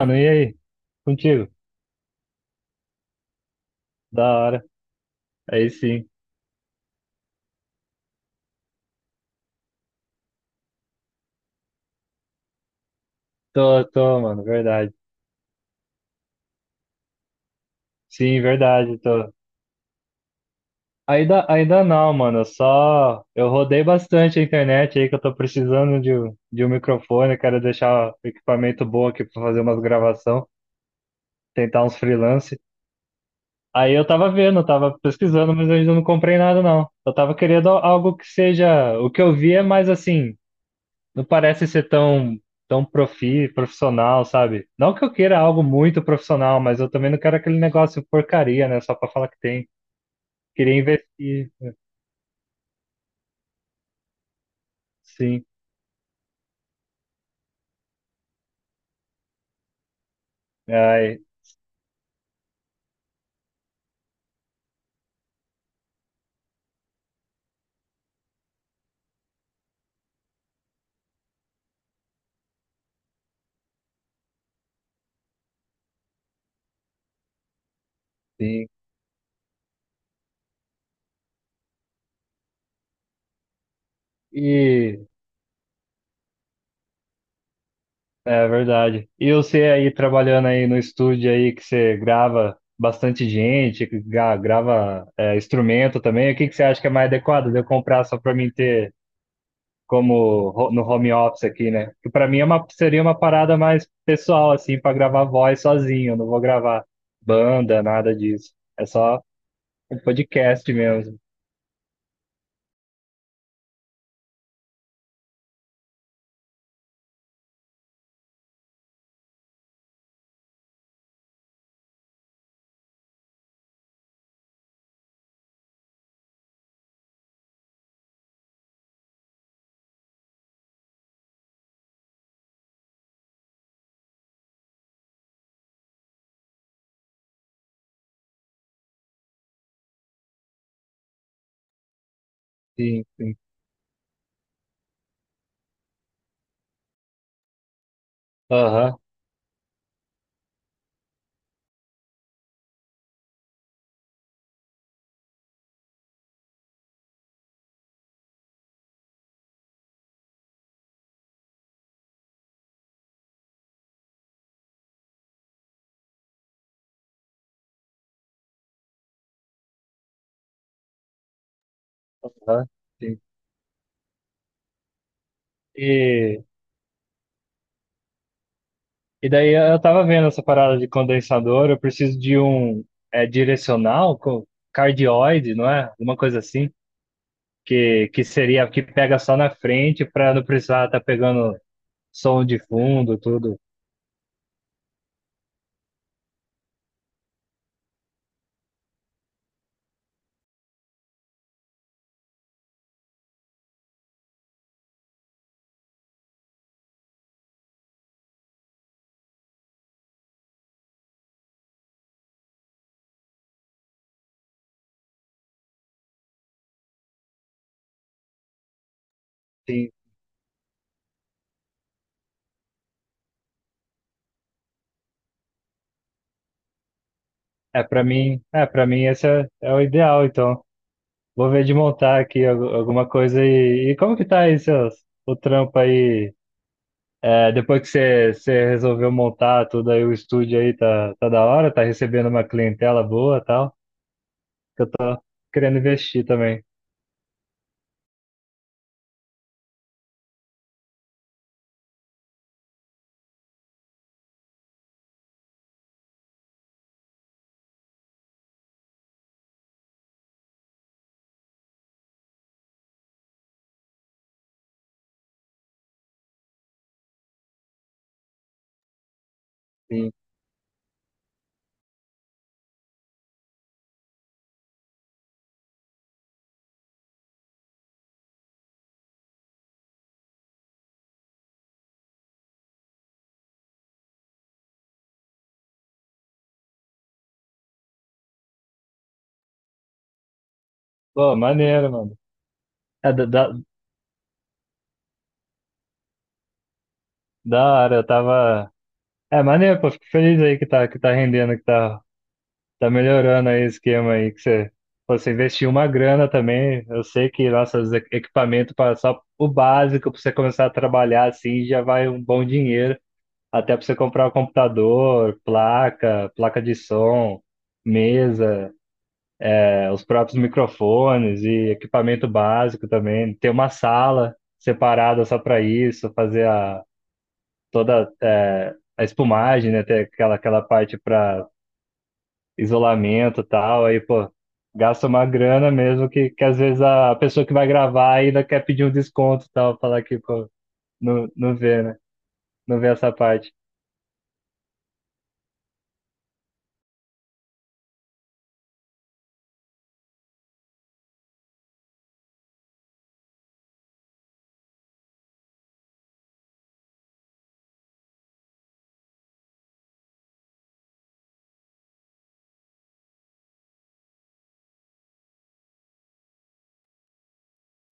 Mano, e aí? Contigo? Da hora. Aí sim. Tô, mano, verdade. Sim, verdade, tô. Ainda não, mano. Eu Só eu rodei bastante a internet aí que eu tô precisando de um microfone, quero deixar o equipamento bom aqui pra fazer umas gravação, tentar uns freelance. Aí eu tava vendo, eu tava pesquisando, mas eu ainda não comprei nada não. Eu tava querendo algo que seja, o que eu vi é mais assim, não parece ser tão, tão profissional, sabe? Não que eu queira algo muito profissional, mas eu também não quero aquele negócio porcaria, né? Só pra falar que tem. Queria investir, sim. Ai, sim. E é verdade. E você aí trabalhando aí no estúdio aí que você grava bastante gente, que grava instrumento também, o que que você acha que é mais adequado de eu comprar só pra mim ter como no home office aqui, né? Que para mim é uma, seria uma parada mais pessoal, assim, para gravar voz sozinho. Eu não vou gravar banda, nada disso. É só um podcast mesmo. Sim, sim. Aham, aham, sim. E, e daí eu tava vendo essa parada de condensador, eu preciso de um direcional com cardioide, não é? Uma coisa assim. Que seria que pega só na frente para não precisar estar tá pegando som de fundo, tudo. É, pra mim, é, para mim esse é o ideal, então. Vou ver de montar aqui alguma coisa e como que tá aí seus, o trampo aí? É, depois que você resolveu montar tudo aí, o estúdio aí tá da hora, tá recebendo uma clientela boa e tal, que eu tô querendo investir também. Sim. Pô, maneiro, mano. É, da hora, eu tava... É, maneiro, pô, fico feliz aí que tá rendendo, que tá tá melhorando aí o esquema aí que você, pô, você investiu uma grana também. Eu sei que nossos equipamentos para só o básico para você começar a trabalhar assim já vai um bom dinheiro, até para você comprar o computador, placa de som, mesa, é, os próprios microfones e equipamento básico também. Ter uma sala separada só para isso, fazer a toda a espumagem, né? Ter aquela parte para isolamento e tal, aí, pô, gasta uma grana mesmo que às vezes a pessoa que vai gravar ainda quer pedir um desconto e tal, falar que, pô, não, não vê, né? Não vê essa parte.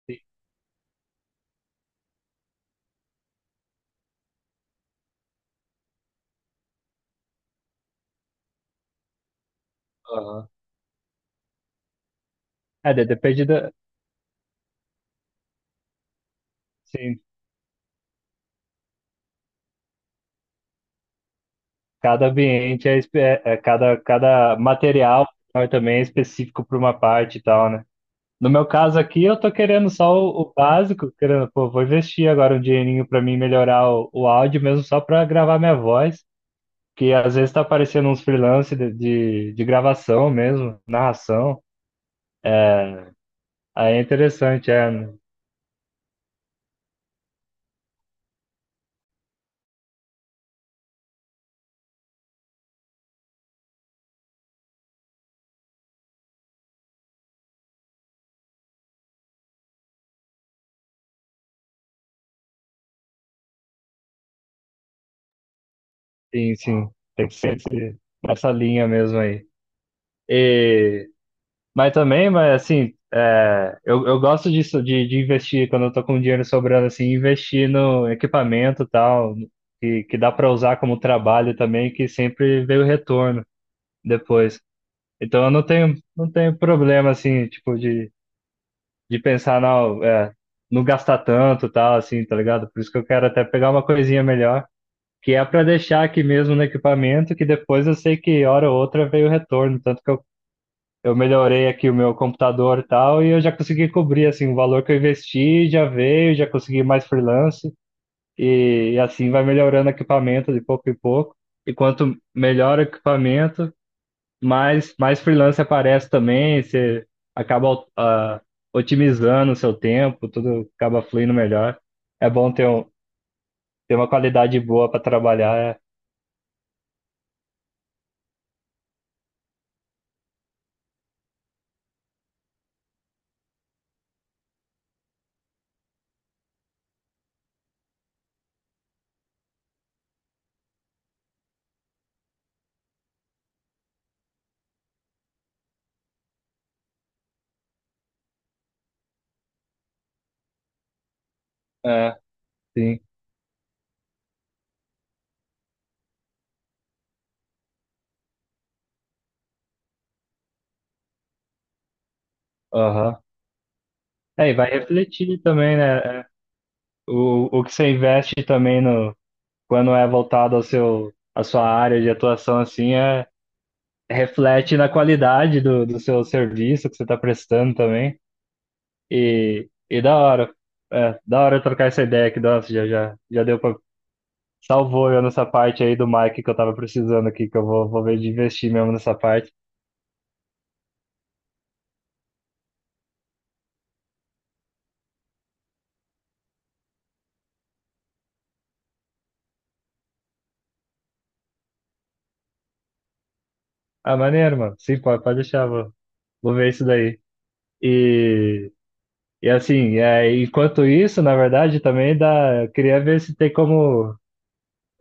Sim. Aham. É, depende da, sim, cada ambiente é, é, é cada material também é específico para uma parte e tal, né? No meu caso aqui, eu tô querendo só o básico, querendo, pô, vou investir agora um dinheirinho para mim melhorar o áudio mesmo só para gravar minha voz. Que às vezes tá aparecendo uns freelance de gravação mesmo, narração. Aí é interessante, é. Né? Sim, sim. Tem que ser nessa linha mesmo aí. E, mas também, mas assim, é, eu gosto disso, de investir, quando eu tô com dinheiro sobrando, assim, investir no equipamento e tal, que dá para usar como trabalho também, que sempre veio retorno depois. Então eu não tenho, não tenho problema, assim, tipo, de pensar, não, é, não gastar tanto, tal, assim, tá ligado? Por isso que eu quero até pegar uma coisinha melhor, que é para deixar aqui mesmo no equipamento, que depois eu sei que hora ou outra veio o retorno, tanto que eu melhorei aqui o meu computador e tal, e eu já consegui cobrir, assim, o valor que eu investi já veio, já consegui mais freelance, e assim vai melhorando o equipamento de pouco em pouco, e quanto melhor o equipamento, mais freelance aparece também, você acaba otimizando o seu tempo, tudo acaba fluindo melhor. É bom ter, um, ter uma qualidade boa para trabalhar, é, é, sim, aham. É, e vai refletir também, né? É, o que você investe também no, quando é voltado ao seu, à sua área de atuação, assim, é, reflete na qualidade do, do seu serviço que você está prestando também. E da hora, é, da hora trocar essa ideia aqui, nossa, já deu para salvou eu nessa parte aí do Mike que eu tava precisando aqui, que eu vou ver de investir mesmo nessa parte. Ah, maneiro, mano. Sim, pode, pode deixar, vou ver isso daí. E, e assim, é, enquanto isso, na verdade, também dá. Eu queria ver se tem como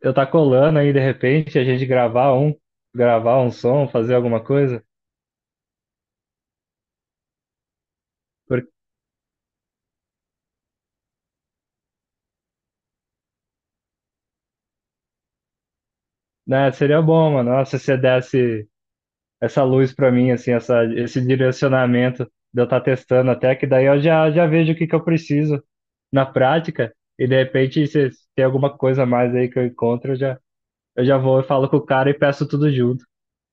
eu tá colando aí de repente, a gente gravar um som, fazer alguma coisa. Porque, né, seria bom, mano. Nossa, se você desse essa luz pra mim, assim, essa, esse direcionamento de eu estar testando até que daí eu já vejo o que que eu preciso na prática, e de repente, se tem alguma coisa a mais aí que eu encontro, eu já vou e falo com o cara e peço tudo junto.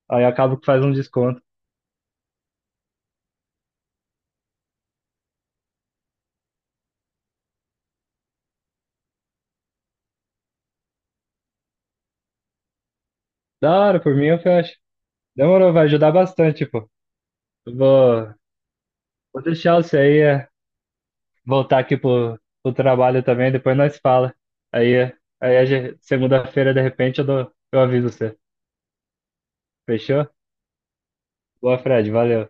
Aí eu acabo que faz um desconto. Da hora, por mim eu fecho. Demorou, vai ajudar bastante, pô. Eu vou deixar você aí é, voltar aqui pro, pro trabalho também, depois nós fala. Aí, é, aí segunda-feira, de repente, eu dou, eu aviso você. Fechou? Boa, Fred, valeu.